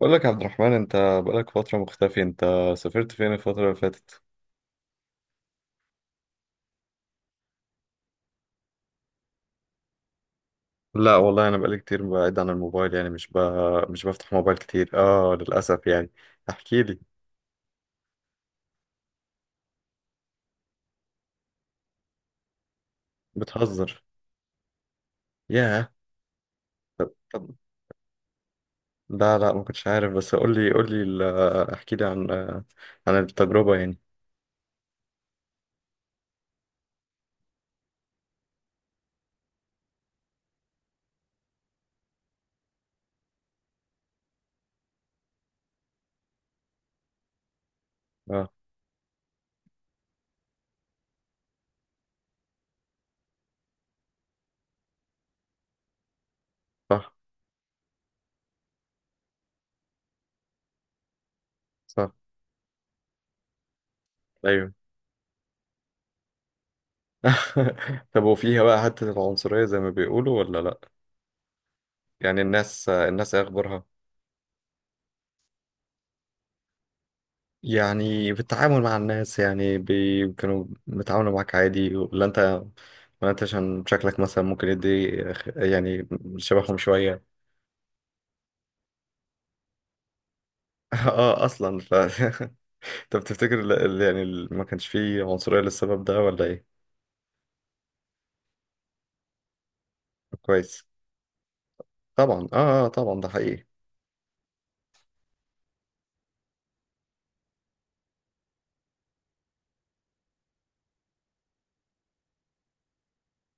بقول لك يا عبد الرحمن، انت بقالك فترة مختفي. انت سافرت فين الفترة اللي فاتت؟ لا والله، انا بقالي كتير بعيد عن الموبايل. يعني مش بفتح موبايل كتير، للأسف يعني. احكي لي. بتهزر. ياه. طب، لا لا، ما كنتش عارف. بس قول لي احكي لي عن التجربة يعني. اه، صح صح، ايوه. طب، وفيها بقى حتة العنصرية زي ما بيقولوا ولا لا؟ يعني الناس ايه اخبارها؟ يعني في التعامل مع الناس، يعني كانوا بيتعاملوا معاك عادي، ولا انت عشان شكلك مثلا ممكن يدي يعني شبههم شوية. اه، اصلا طب تفتكر ما كانش فيه عنصرية للسبب ده ولا ايه؟ كويس. طبعا اه اه طبعا، ده حقيقي.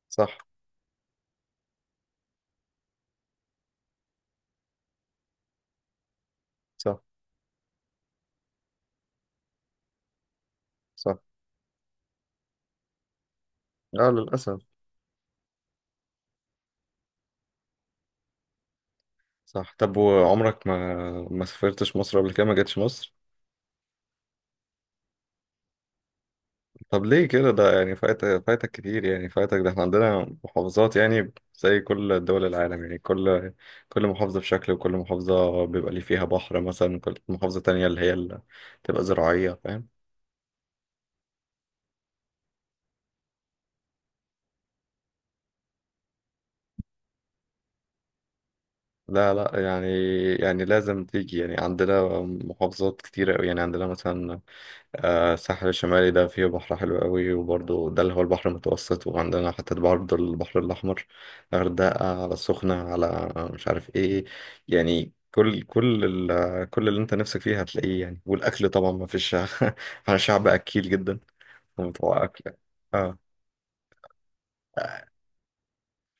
صح صح صح، اه، للأسف. صح. طب وعمرك ما سافرتش مصر قبل كده، ما جيتش مصر؟ طب ليه كده؟ ده يعني فايتك كتير، يعني فايتك ده. احنا عندنا محافظات، يعني زي كل دول العالم. يعني كل محافظة بشكل، وكل محافظة بيبقى ليه فيها بحر مثلا، كل محافظة تانية اللي هي اللي تبقى زراعية، فاهم؟ لا لا، يعني لازم تيجي. يعني عندنا محافظات كتيرة أوي. يعني عندنا مثلا الساحل الشمالي، ده فيه بحر حلو قوي، وبرضه ده اللي هو البحر المتوسط. وعندنا حتة برضه البحر الأحمر، غردقة، على السخنة، على مش عارف إيه. يعني كل اللي أنت نفسك فيه هتلاقيه يعني. والأكل طبعا ما فيش. احنا شعب أكيل جدا، ومتوقع أكل. آه،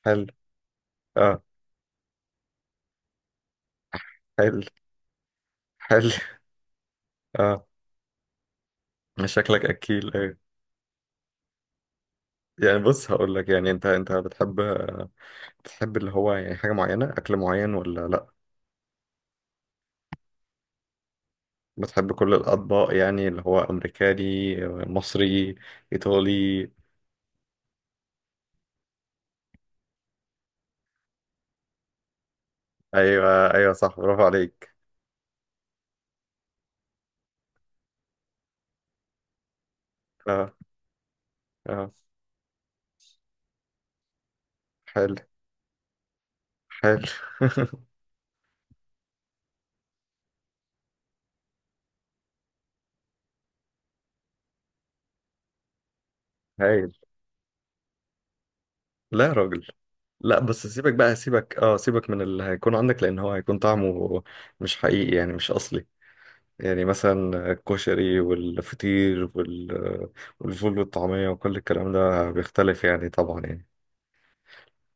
حلو. آه، حلو حلو. آه. شكلك أكيل، آه. يعني بص، هقول لك. يعني انت بتحب اللي هو يعني حاجة معينة، أكل معين ولا لأ؟ بتحب كل الأطباق، يعني اللي هو أمريكاني، مصري، إيطالي. أيوه أيوه، صح، برافو عليك. اه اه، حلو حلو. هايل. لا يا راجل. لا بس سيبك بقى سيبك اه سيبك من اللي هيكون عندك، لأن هو هيكون طعمه مش حقيقي، يعني مش أصلي. يعني مثلا الكشري والفطير والفول والطعمية، وكل الكلام ده بيختلف يعني، طبعا يعني،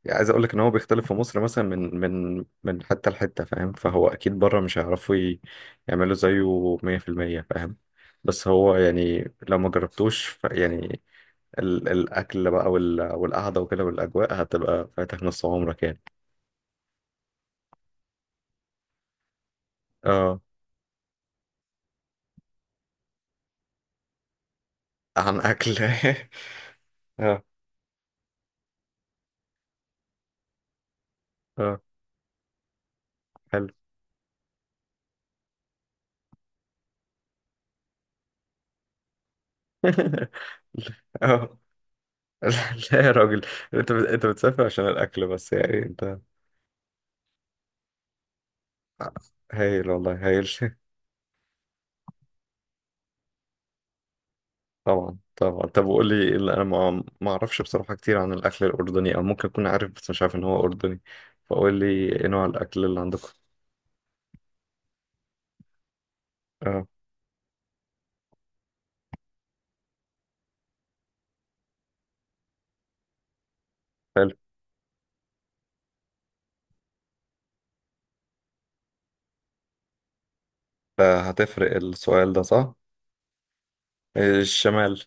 يعني عايز اقول لك ان هو بيختلف في مصر مثلا من حتة لحتة، فاهم؟ فهو اكيد بره مش هيعرفوا يعملوا زيه 100%، فاهم؟ بس هو يعني لو ما جربتوش يعني الاكل بقى والقعدة وكده والاجواء هتبقى فاتك نص عمرك يعني. اه. عن اكل. اه اه، حلو. اه. لا يا راجل. انت بتسافر عشان الاكل بس يعني، انت. هايل، والله هايل. طبعا طبعا. طب وقول لي ايه اللي انا ما اعرفش بصراحه كتير عن الاكل الاردني، او ممكن اكون عارف بس مش عارف ان هو اردني. فقول لي ايه نوع الاكل اللي عندكم؟ اه، حلو. هتفرق. السؤال ده صح. الشمال.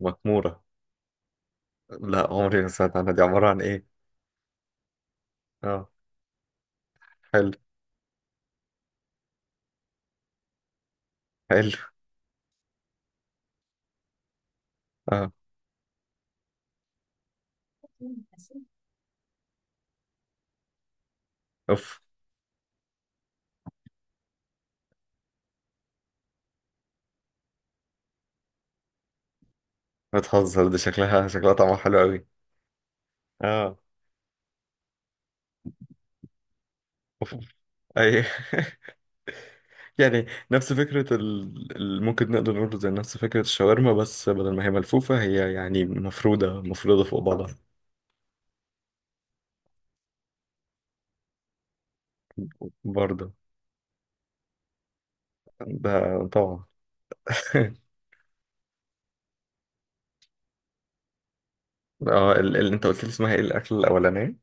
مكموره؟ لا، عمري ما سمعت عنها. دي عباره عن ايه؟ اه، حلو حلو. اه، اوف. بتهزر. دي شكلها طعمها حلو قوي. اه، اوف أوف. اي. يعني نفس فكرة ممكن نقدر نقول زي نفس فكرة الشاورما، بس بدل ما هي ملفوفة، هي يعني مفرودة مفرودة فوق بعضها. برضه، ده طبعا. اه، انت قلت لي اسمها ايه الأكل الأولانية؟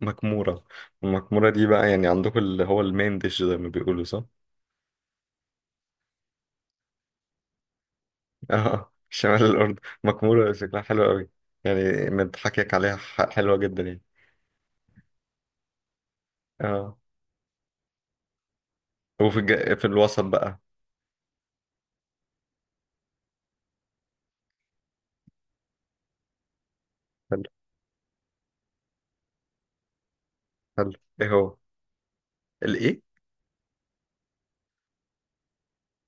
مكمورة. المكمورة دي بقى يعني عندكم اللي هو المين ديش زي ما بيقولوا، صح؟ اه، شمال الأرض مكمورة، شكلها حلو قوي. يعني من حكيك عليها حلوة جدا يعني. اه. وفي في الوسط بقى. حلو حلو. ايه هو؟ الايه؟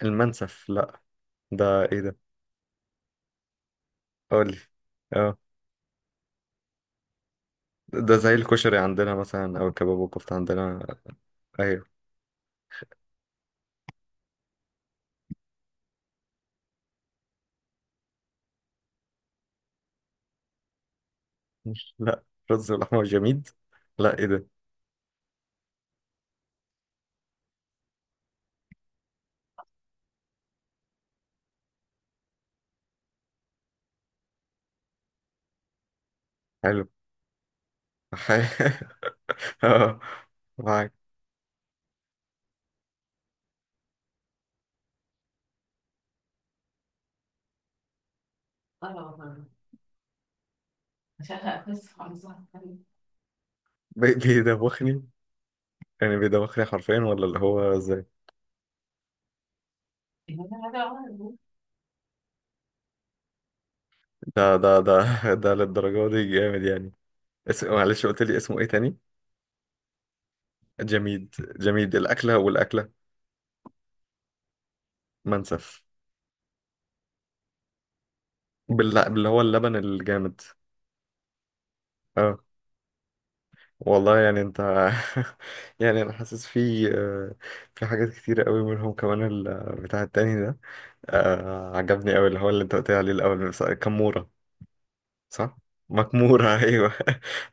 المنسف؟ لا، ده ايه ده؟ قول لي. اه. ده زي الكشري عندنا مثلا، او الكباب والكفته عندنا. ايوه. مش، لا. رز ولحمه وجميد. لا، ايه ده؟ حلو. اه، معاك. بيدوخني؟ يعني بيدوخني حرفيا ولا اللي هو ازاي؟ ده ده للدرجه دي جامد يعني؟ معلش قلت لي اسمه ايه تاني؟ جميد، جميد. الاكله منسف. باللي هو اللبن الجامد. اه. والله يعني انت. يعني انا حاسس في حاجات كتيرة قوي منهم، كمان بتاع التاني ده، عجبني قوي اللي هو اللي انت قلت لي عليه الاول، كمورة. صح. مكمورة. ايوه.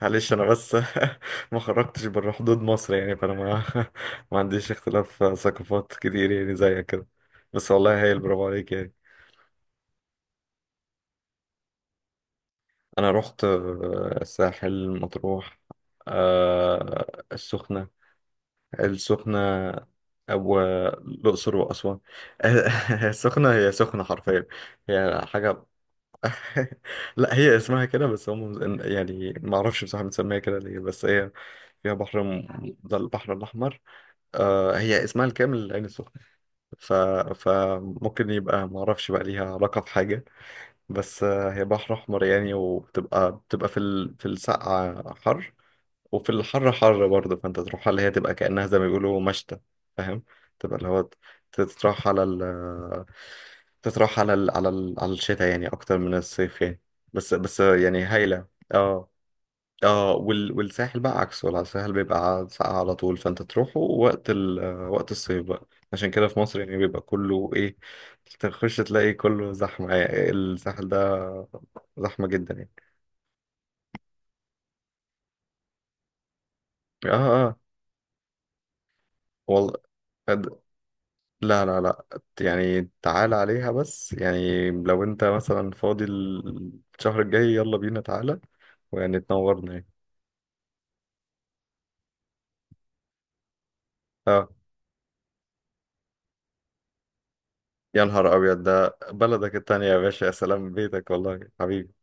معلش، انا بس ما خرجتش بره حدود مصر يعني، فانا ما ما عنديش اختلاف ثقافات كتير يعني زيك كده. بس والله هايل، برافو عليك يعني. انا رحت الساحل، مطروح، آه، السخنة السخنة، أو الأقصر وأسوان. السخنة هي سخنة حرفيا. هي حاجة. لا، هي اسمها كده بس، هم يعني ما أعرفش بصراحة بنسميها كده ليه، بس هي فيها بحر ده البحر الأحمر. آه، هي اسمها الكامل العين السخنة. ف... فممكن يبقى، ما أعرفش بقى ليها علاقة في حاجة. بس هي بحر أحمر يعني. وبتبقى في السقعة حر، وفي الحر حر برضه. فانت تروح على اللي هي تبقى كأنها زي ما بيقولوا مشتى، فاهم؟ تبقى اللي هو، تتراح على ال تتراح على الشتاء يعني، اكتر من الصيف يعني. بس يعني هايلة. اه اه. والساحل بقى عكسه، ولا الساحل بيبقى ساقع على طول. فانت تروحه وقت الصيف بقى. عشان كده في مصر يعني بيبقى كله ايه، تخش تلاقي كله زحمة يعني. الساحل ده زحمة جدا يعني. اه اه، والله. لا لا لا. يعني تعال عليها بس، يعني لو انت مثلا فاضي الشهر الجاي، يلا بينا، تعالى ويعني تنورنا يعني. اه، يا نهار ابيض، ده بلدك التانية يا باشا، يا سلام، بيتك والله حبيبي.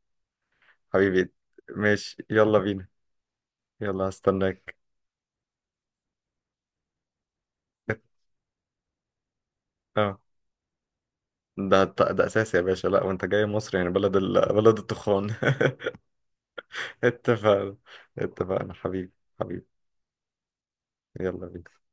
حبيبي، ماشي. يلا بينا، يلا هستناك. اه، ده اساسي يا باشا. لا وانت جاي مصر يعني، بلد بلد التخان. اتفقنا اتفقنا، حبيبي حبيبي، يلا بينا.